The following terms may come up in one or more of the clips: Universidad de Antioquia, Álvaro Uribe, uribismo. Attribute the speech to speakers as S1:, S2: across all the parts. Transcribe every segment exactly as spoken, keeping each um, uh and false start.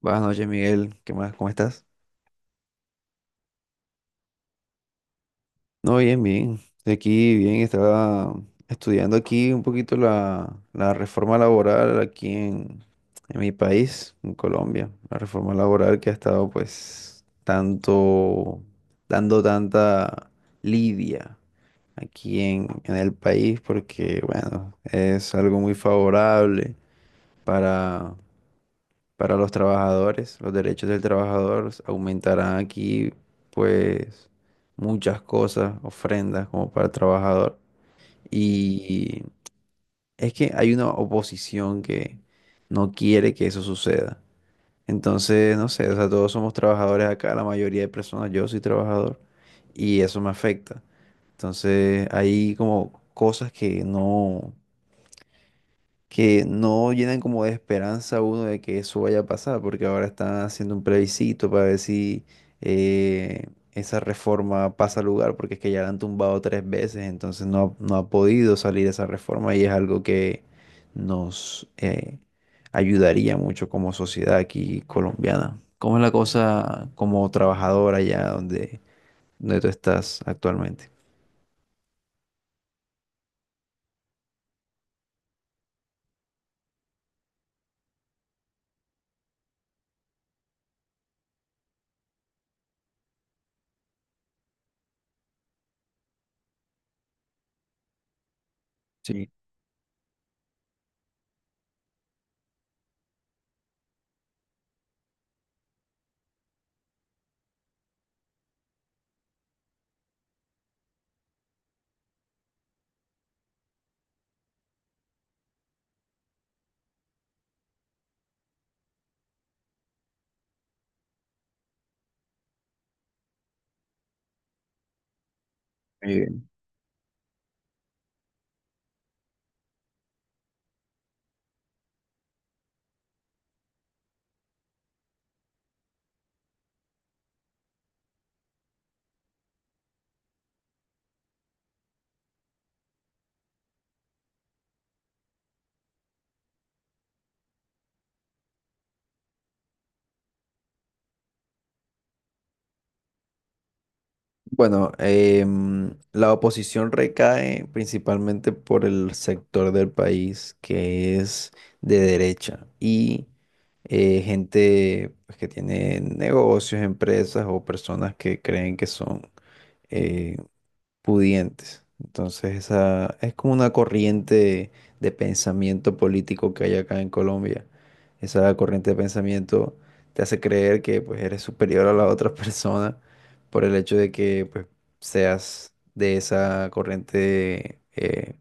S1: Buenas noches, Miguel. ¿Qué más? ¿Cómo estás? No, bien, bien. Estoy aquí, bien, estaba estudiando aquí un poquito la, la reforma laboral aquí en, en mi país, en Colombia. La reforma laboral que ha estado, pues, tanto, dando tanta lidia aquí en, en el país, porque, bueno, es algo muy favorable para para los trabajadores, los derechos del trabajador, aumentarán aquí pues muchas cosas, ofrendas como para el trabajador. Y es que hay una oposición que no quiere que eso suceda. Entonces, no sé, o sea, todos somos trabajadores acá, la mayoría de personas, yo soy trabajador y eso me afecta. Entonces, hay como cosas que no que no llenan como de esperanza a uno de que eso vaya a pasar, porque ahora están haciendo un plebiscito para ver si eh, esa reforma pasa al lugar, porque es que ya la han tumbado tres veces, entonces no, no ha podido salir esa reforma y es algo que nos eh, ayudaría mucho como sociedad aquí colombiana. ¿Cómo es la cosa como trabajadora allá donde, donde tú estás actualmente? Sí. Bueno, em, la oposición recae principalmente por el sector del país que es de derecha y eh, gente pues, que tiene negocios, empresas o personas que creen que son eh, pudientes. Entonces, esa es como una corriente de, de pensamiento político que hay acá en Colombia. Esa corriente de pensamiento te hace creer que pues eres superior a la otra persona por el hecho de que pues seas de esa corriente eh,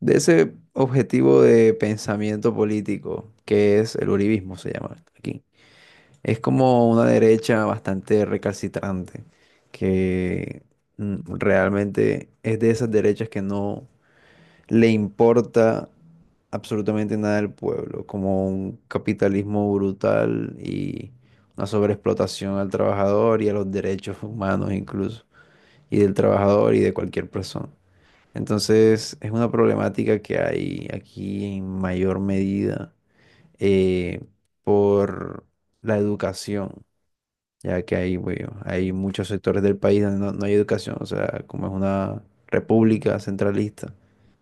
S1: de ese objetivo de pensamiento político que es el uribismo se llama aquí. Es como una derecha bastante recalcitrante, que mm, realmente es de esas derechas que no le importa absolutamente nada al pueblo, como un capitalismo brutal y una sobreexplotación al trabajador y a los derechos humanos incluso, y del trabajador y de cualquier persona. Entonces es una problemática que hay aquí en mayor medida eh, por la educación, ya que hay, bueno, hay muchos sectores del país donde no, no hay educación, o sea, como es una república centralista,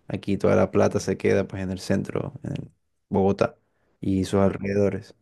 S1: aquí toda la plata se queda pues en el centro, en Bogotá y sus alrededores.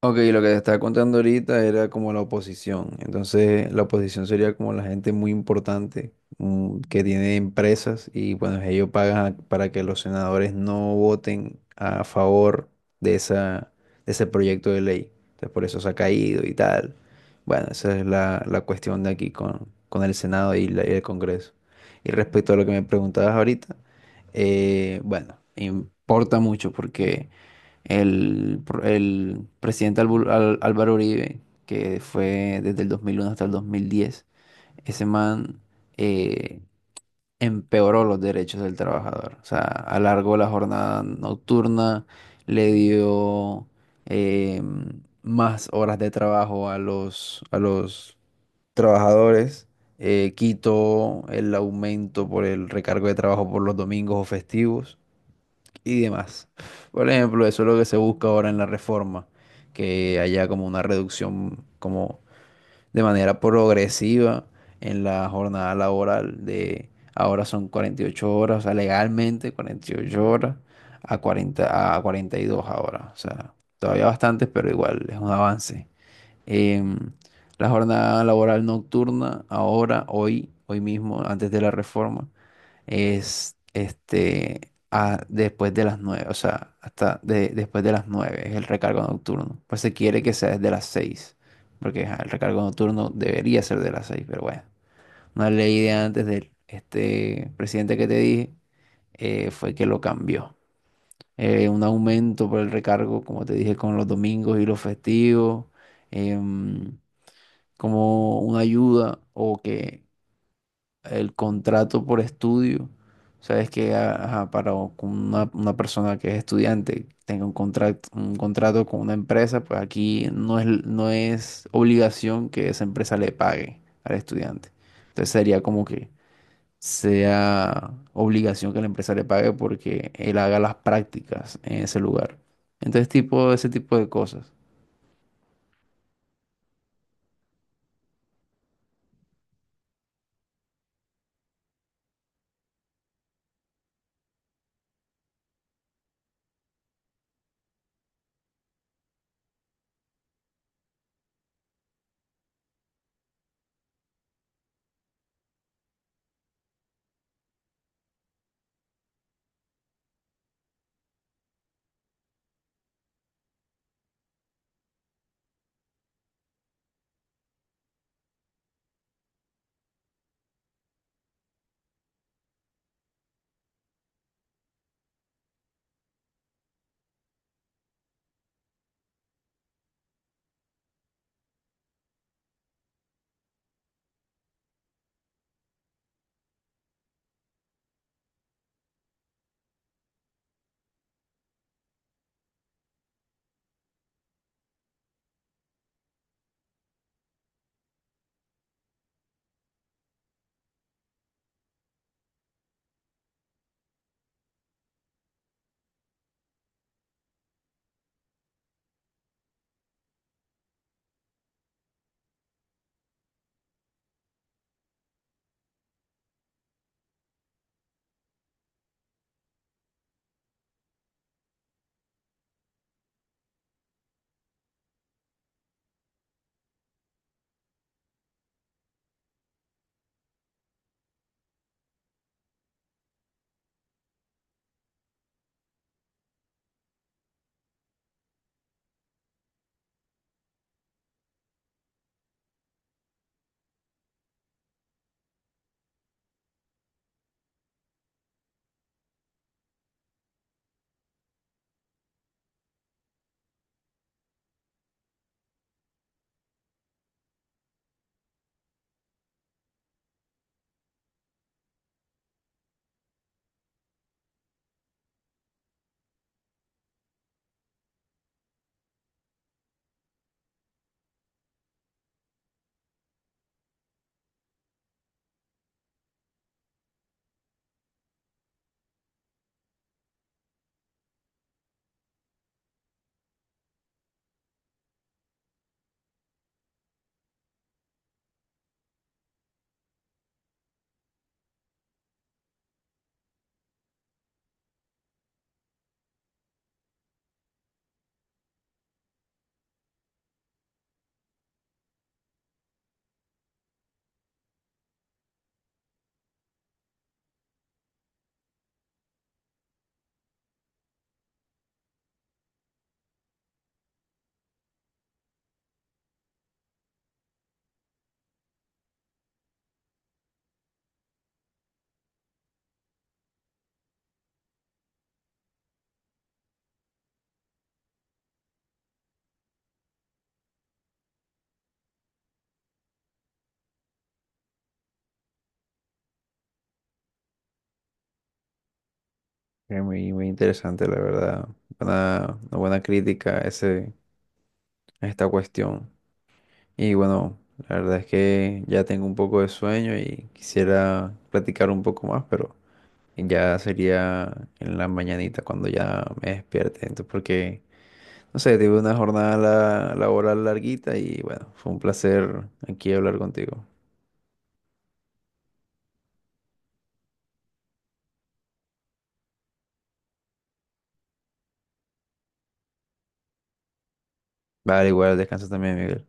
S1: Ok, lo que te estaba contando ahorita era como la oposición. Entonces, la oposición sería como la gente muy importante mm, que tiene empresas y bueno, ellos pagan para que los senadores no voten a favor de esa, de ese proyecto de ley. Entonces, por eso se ha caído y tal. Bueno, esa es la, la cuestión de aquí con, con el Senado y, la- y el Congreso. Y respecto a lo que me preguntabas ahorita, eh, bueno, importa mucho porque el, pr- el presidente Albu- Al- Álvaro Uribe, que fue desde el dos mil uno hasta el dos mil diez, ese man eh, empeoró los derechos del trabajador. O sea, alargó la jornada nocturna, le dio eh, más horas de trabajo a los, a los trabajadores. eh, quitó el aumento por el recargo de trabajo por los domingos o festivos y demás. Por ejemplo, eso es lo que se busca ahora en la reforma, que haya como una reducción como de manera progresiva en la jornada laboral de ahora son cuarenta y ocho horas, o sea, legalmente cuarenta y ocho horas a cuarenta a cuarenta y dos ahora, o sea, todavía bastantes, pero igual es un avance. Em, la jornada laboral nocturna ahora, hoy, hoy mismo, antes de la reforma es este a- después de las nueve, o sea, hasta de- después de las nueve es el recargo nocturno. Pues se quiere que sea desde las seis, porque ajá, el recargo nocturno debería ser de las seis, pero bueno, una ley de antes del este presidente que te dije eh, fue que lo cambió. Eh, un aumento por el recargo, como te dije, con los domingos y los festivos, em, como una ayuda o que el contrato por estudio. Sabes que a- ajá, para o- con una, una persona que es estudiante tenga un contrato, un contrato con una empresa, pues aquí no es, no es obligación que esa empresa le pague al estudiante. Entonces sería como que sea obligación que la empresa le pague porque él haga las prácticas en ese lugar. Entonces, tipo, ese tipo de cosas. Es muy, muy interesante, la verdad. Una, una buena crítica a ese, a esta cuestión. Y bueno, la verdad es que ya tengo un poco de sueño y quisiera platicar un poco más, pero ya sería en la mañanita cuando ya me despierte. Entonces, porque, no sé, tuve una jornada la- laboral larguita y bueno, fue un placer aquí hablar contigo. Vale, igual, descansa también, Miguel.